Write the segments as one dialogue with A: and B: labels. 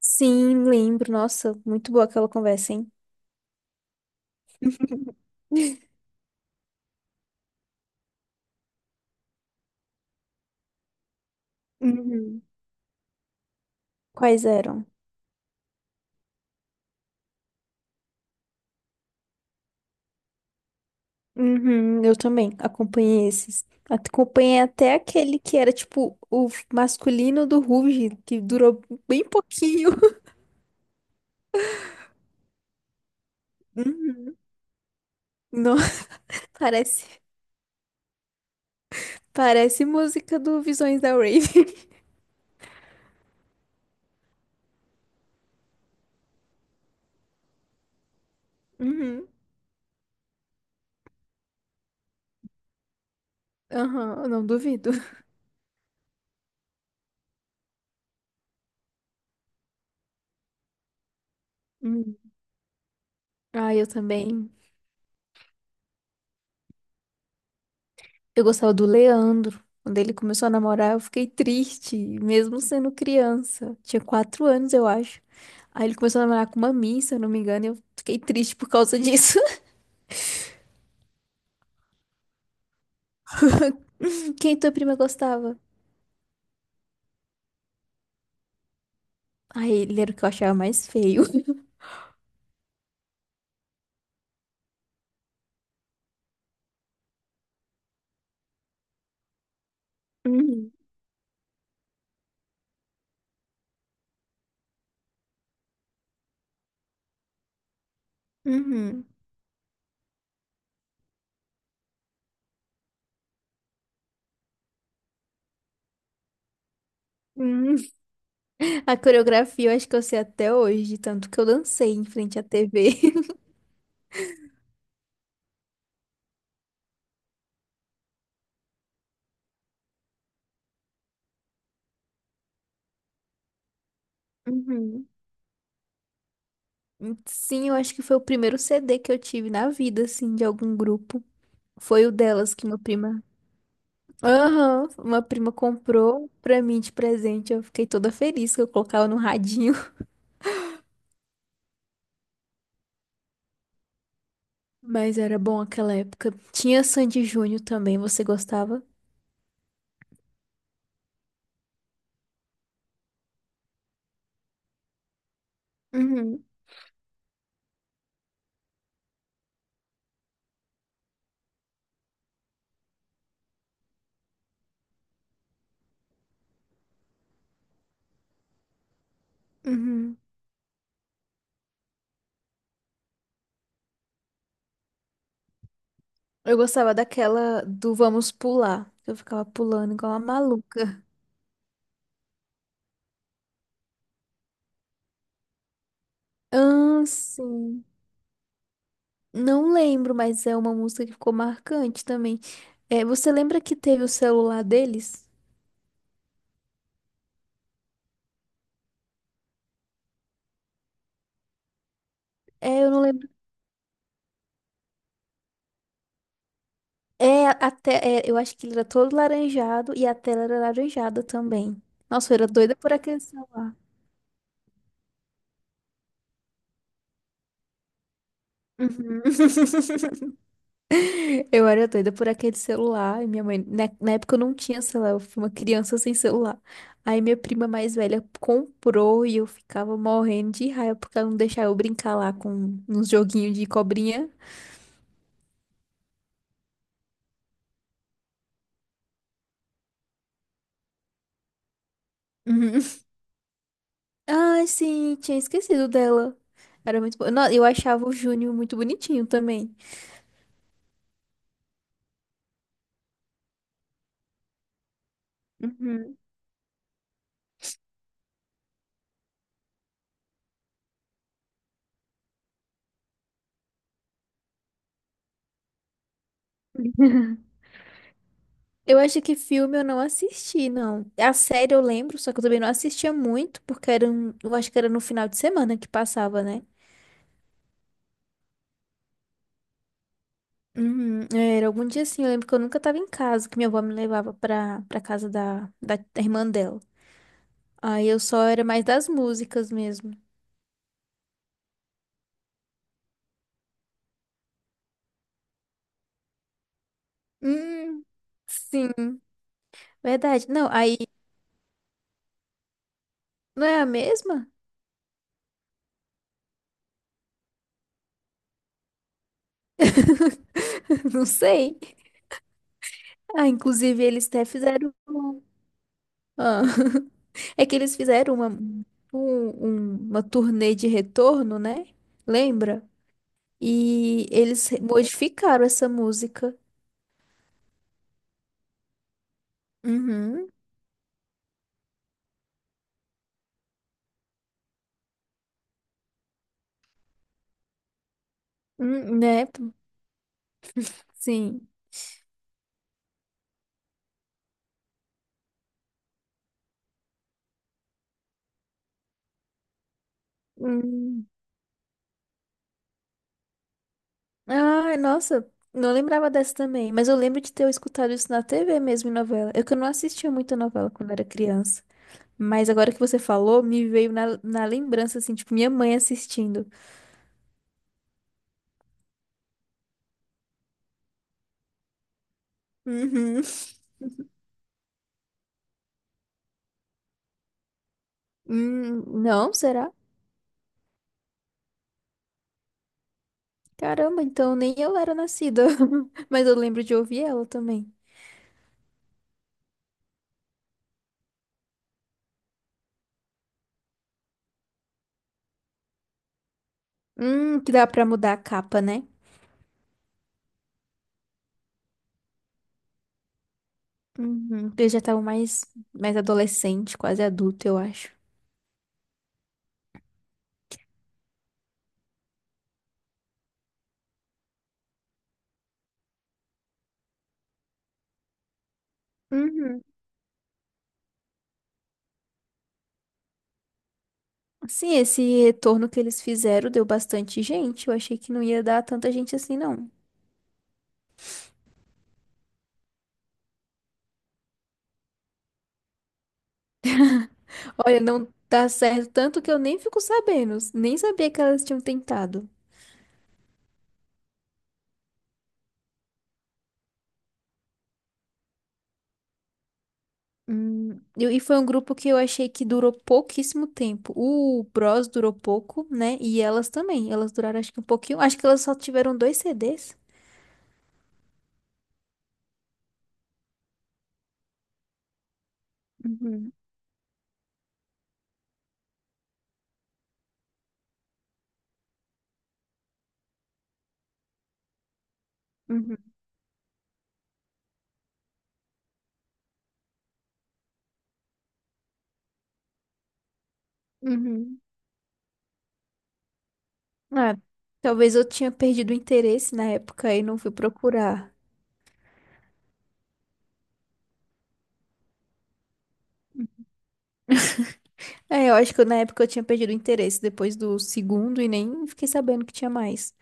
A: Sim, lembro. Nossa, muito boa aquela conversa, hein? Uhum. Quais eram? Uhum, eu também acompanhei esses. Acompanhei até aquele que era tipo o masculino do Ruge, que durou bem pouquinho. Uhum. Não, parece, parece música do Visões da Rave. Uhum. Aham, eu não duvido. Uhum. Ah, eu também. Eu gostava do Leandro. Quando ele começou a namorar, eu fiquei triste, mesmo sendo criança. Tinha 4 anos, eu acho. Aí ele começou a namorar com uma Miss, se eu não me engano, e eu fiquei triste por causa disso. Quem tua prima gostava? Aí ele era o que eu achava mais feio. Uhum. Uhum. Uhum. A coreografia eu acho que eu sei até hoje, tanto que eu dancei em frente à TV. Uhum. Sim, eu acho que foi o primeiro CD que eu tive na vida, assim, de algum grupo. Foi o delas que minha prima. Aham, uma prima comprou pra mim de presente. Eu fiquei toda feliz que eu colocava no radinho. Mas era bom aquela época. Tinha Sandy Júnior também, você gostava? Uhum, uhum. Eu gostava daquela do Vamos Pular. Eu ficava pulando igual uma maluca. Ah, sim. Não lembro, mas é uma música que ficou marcante também. É, você lembra que teve o celular deles? É, eu não lembro. É, até, é, eu acho que ele era todo laranjado e a tela era laranjada também. Nossa, eu era doida por aquele celular. Uhum. Eu era doida por aquele celular. E minha mãe, na época eu não tinha celular, eu fui uma criança sem celular. Aí minha prima mais velha comprou e eu ficava morrendo de raiva porque ela não deixava eu brincar lá com uns joguinhos de cobrinha. Uhum. Ai, sim, tinha esquecido dela. Era muito bom. Eu achava o Júnior muito bonitinho também. Uhum. Eu acho que filme eu não assisti, não. A série eu lembro, só que eu também não assistia muito, porque era um, eu acho que era no final de semana que passava, né? Uhum, é, era algum dia assim, eu lembro que eu nunca tava em casa, que minha avó me levava pra casa da irmã dela. Aí eu só era mais das músicas mesmo. Hum, sim, verdade. Não, aí não é a mesma? Não sei. Ah, inclusive eles até fizeram. Ah, É que eles fizeram uma turnê de retorno, né? Lembra? E eles modificaram essa música. Uhum. Né? Sim. Hum. Ai, nossa, não lembrava dessa também. Mas eu lembro de ter escutado isso na TV mesmo, em novela. Eu que eu não assistia muita novela quando era criança. Mas agora que você falou, me veio na lembrança, assim, tipo, minha mãe assistindo. Uhum. Não, será? Caramba, então nem eu era nascida. Mas eu lembro de ouvir ela também. Que dá pra mudar a capa, né? Uhum. Eu já tava mais adolescente, quase adulto, eu acho. Uhum. Sim, esse retorno que eles fizeram deu bastante gente. Eu achei que não ia dar tanta gente assim, não. Olha, não dá certo tanto que eu nem fico sabendo. Nem sabia que elas tinham tentado. E foi um grupo que eu achei que durou pouquíssimo tempo. O Bros durou pouco, né? E elas também. Elas duraram acho que um pouquinho. Acho que elas só tiveram dois CDs. Uhum, uhum, uhum. Ah, talvez eu tinha perdido o interesse na época e não fui procurar. É, eu acho que na época eu tinha perdido o interesse depois do segundo e nem fiquei sabendo que tinha mais.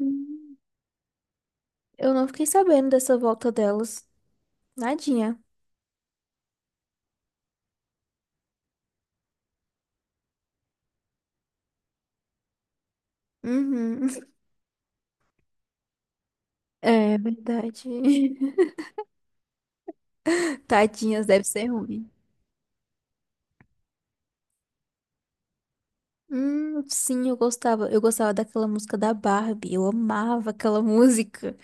A: Hum. Eu não fiquei sabendo dessa volta delas. Nadinha. Uhum. É verdade. Tadinhas, deve ser ruim. Sim, eu gostava. Eu gostava daquela música da Barbie. Eu amava aquela música.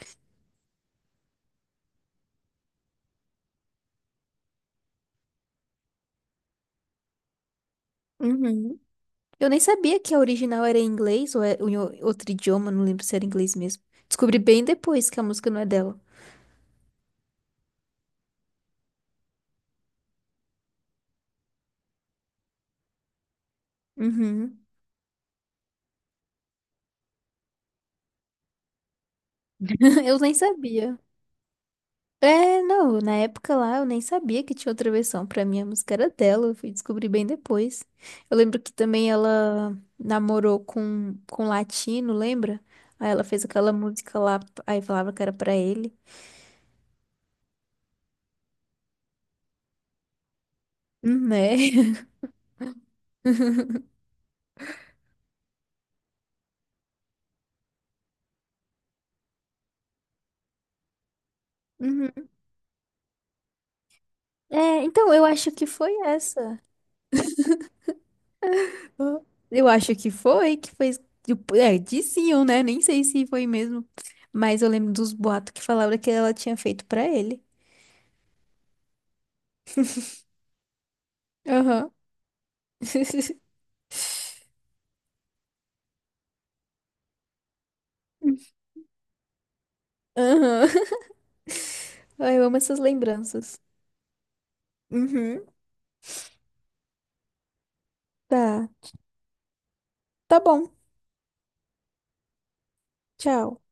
A: Uhum. Eu nem sabia que a original era em inglês ou é ou em outro idioma, não lembro se era inglês mesmo. Descobri bem depois que a música não é dela. Uhum. Eu nem sabia. É, não, na época lá eu nem sabia que tinha outra versão. Pra mim a música era dela, eu fui descobrir bem depois. Eu lembro que também ela namorou com um latino, lembra? Aí ela fez aquela música lá, aí falava que era pra ele. Né? Uhum. É, então eu acho que foi essa. Ah, eu acho que foi, que fez, tipo, é, diziam, né? Nem sei se foi mesmo. Mas eu lembro dos boatos que falavam que ela tinha feito pra ele. Aham. Aham. Ai, eu amo essas lembranças. Uhum. Tá. Tá bom. Tchau.